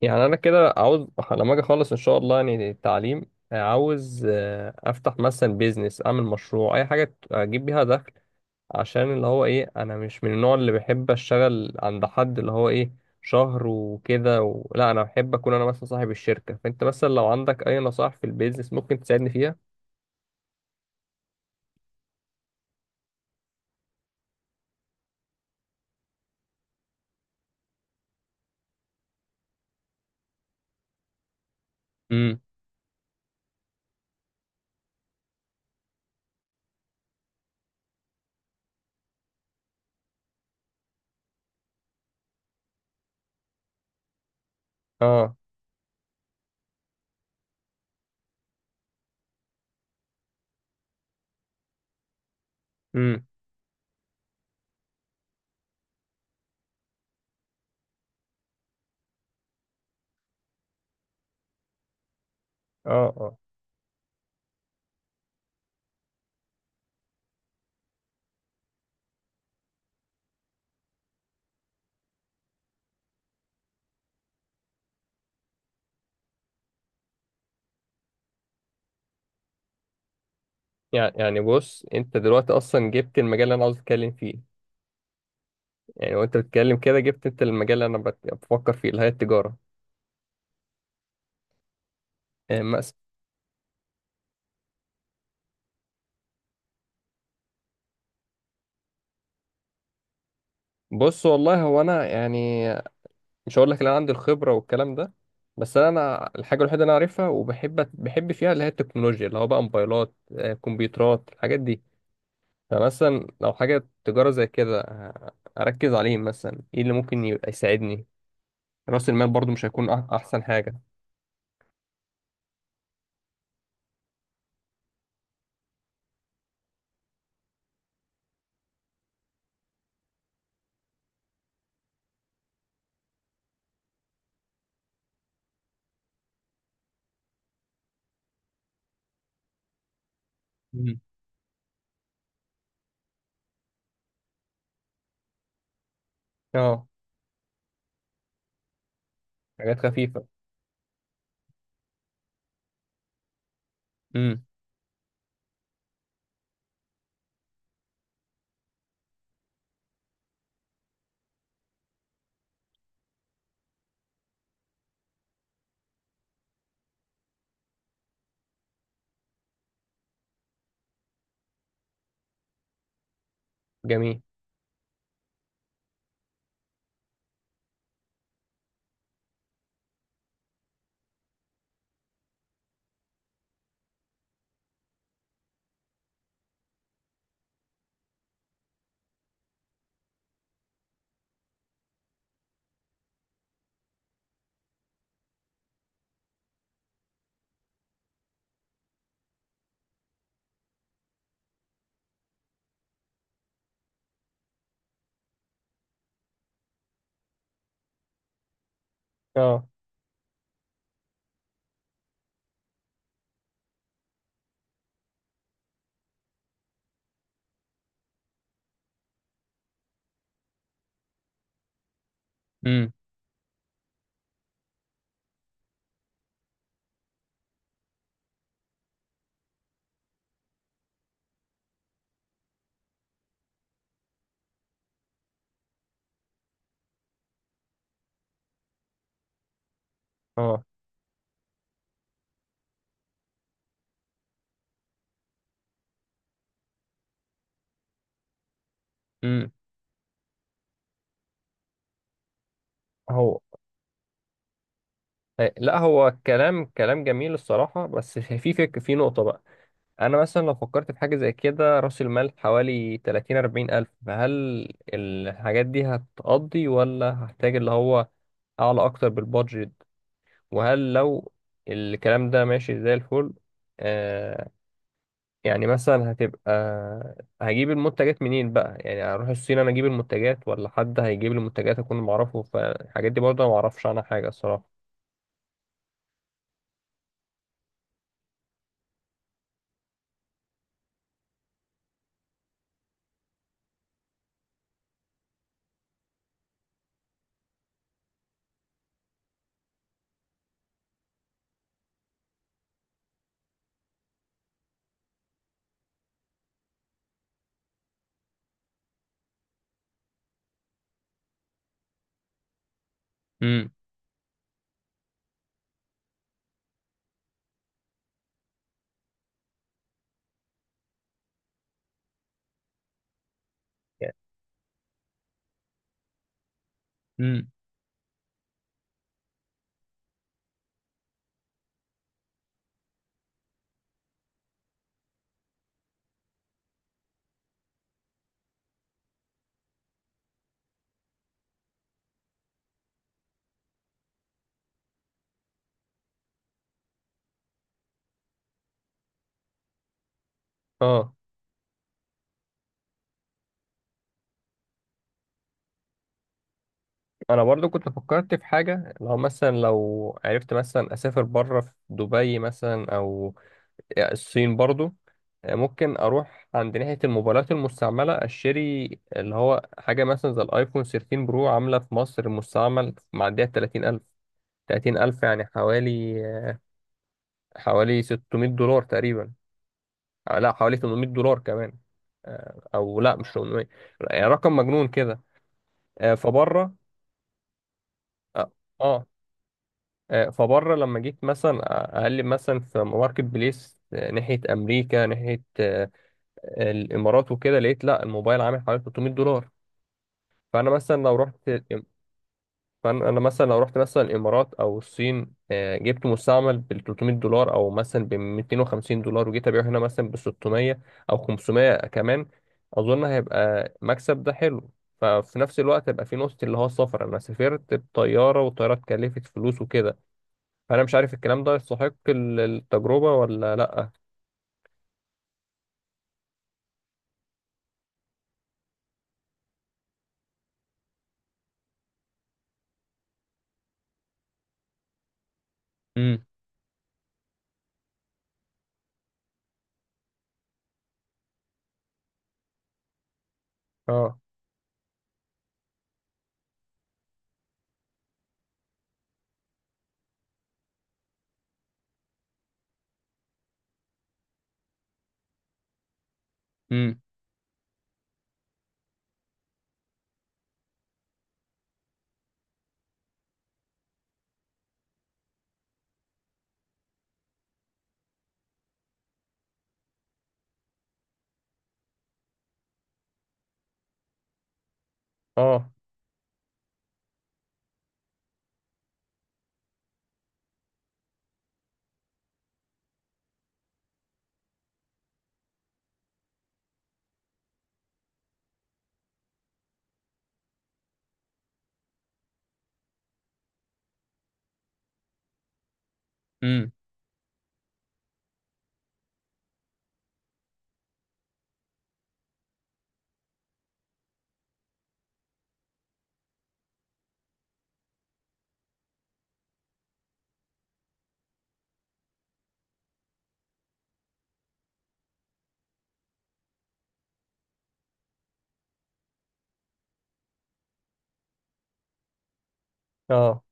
يعني انا كده عاوز لما اجي اخلص ان شاء الله يعني التعليم عاوز، افتح مثلا بيزنس، اعمل مشروع، اي حاجه اجيب بيها دخل. عشان اللي هو ايه، انا مش من النوع اللي بحب اشتغل عند حد اللي هو ايه شهر وكده لا، انا بحب اكون انا مثلا صاحب الشركه. فانت مثلا لو عندك اي نصائح في البيزنس ممكن تساعدني فيها؟ امم. اه. امم. اه. اه. يعني بص، انت دلوقتي اصلا جبت المجال اللي انا عاوز اتكلم فيه. يعني وانت بتتكلم كده جبت انت المجال اللي انا بفكر فيه، اللي هي التجاره. إيه. بص، والله هو انا يعني مش هقول لك ان انا عندي الخبره والكلام ده، بس انا الحاجه الوحيده اللي انا عارفها وبحب فيها اللي هي التكنولوجيا، اللي هو بقى موبايلات، كمبيوترات، الحاجات دي. فمثلا لو حاجه تجاره زي كده، اركز عليه مثلا، ايه اللي ممكن يبقى يساعدني؟ راس المال برضو مش هيكون احسن حاجه. مم. اه. حاجات خفيفه. امم. جميل. اه. امم. اه. امم. هو، لا، هو كلام جميل الصراحه، بس في في نقطه بقى. انا مثلا لو فكرت في حاجه زي كده، راس المال حوالي 30 40 الف، فهل الحاجات دي هتقضي ولا هحتاج اللي هو اعلى اكتر بالبادجت؟ وهل لو الكلام ده ماشي زي الفل؟ آه يعني مثلا هتبقى، هجيب المنتجات منين بقى؟ يعني هروح الصين انا اجيب المنتجات، ولا حد هيجيب لي المنتجات اكون معرفه؟ فالحاجات دي برضه ما اعرفش عنها حاجه الصراحه. امم. يعني- امم. اه. انا برضو كنت فكرت في حاجه، لو مثلا لو عرفت مثلا اسافر بره، في دبي مثلا او الصين برضو، ممكن اروح عند ناحيه الموبايلات المستعمله اشتري، اللي هو حاجه مثلا زي الايفون 13 برو. عامله في مصر مستعمل معديه 30000. 30000 يعني حوالي، حوالي 600 دولار تقريبا. لا، حوالي 800 دولار كمان. او لا، مش 800، يعني رقم مجنون كده. فبره، اه. آه. فبره لما جيت مثلا اقلب مثلا في ماركت بليس، ناحيه امريكا، ناحيه الامارات وكده، لقيت لا، الموبايل عامل حوالي 300 دولار. فانا مثلا لو رحت فانا مثلا لو رحت مثلا الامارات او الصين، جبت مستعمل ب 300 دولار، او مثلا ب 250 دولار، وجيت ابيعه هنا مثلا ب 600 او 500 كمان، اظن هيبقى مكسب ده حلو. ففي نفس الوقت هيبقى في نقطة، اللي هو السفر. أنا سافرت بطيارة والطيارة اتكلفت فلوس وكده، فانا مش عارف الكلام ده يستحق التجربه ولا لا. امم. اه. امم. اه. امم. اه.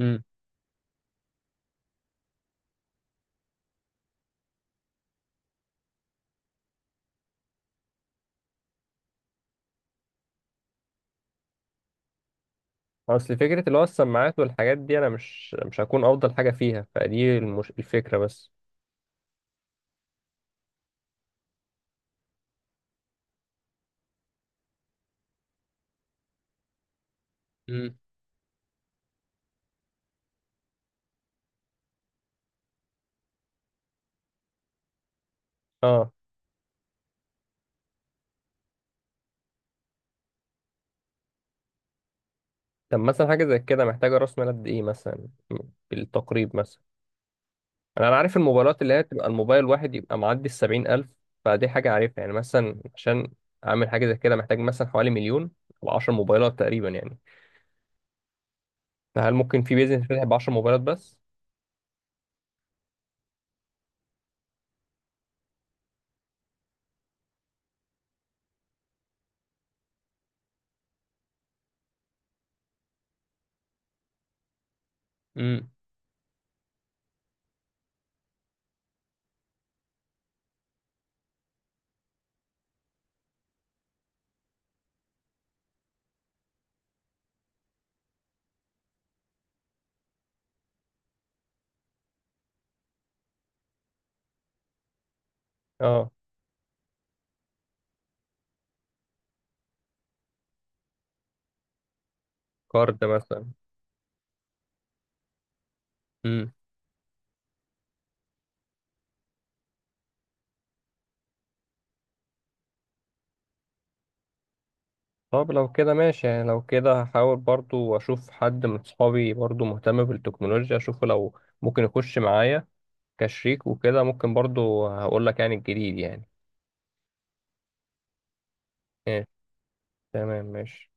امم. اصل فكره اللي هو السماعات والحاجات دي انا مش هكون افضل حاجه فيها، فدي الفكره بس. امم. اه. طب مثلا حاجه زي كده محتاجه راس مال قد ايه مثلا، بالتقريب مثلا. انا عارف الموبايلات، اللي هي تبقى الموبايل واحد يبقى معدي السبعين الف، فدي حاجه عارفها يعني. مثلا عشان اعمل حاجه زي كده محتاج مثلا حوالي مليون، او 10 موبايلات تقريبا يعني. فهل ممكن في بيزنس فاتح ب 10 موبايلات بس؟ امم. اه. كارد مثلا. امم. طب لو كده ماشي، يعني لو كده هحاول برضو اشوف حد من صحابي برضو مهتم بالتكنولوجيا، اشوفه لو ممكن يخش معايا كشريك وكده. ممكن برضو هقول لك يعني الجديد يعني. ماشي. تمام، ماشي.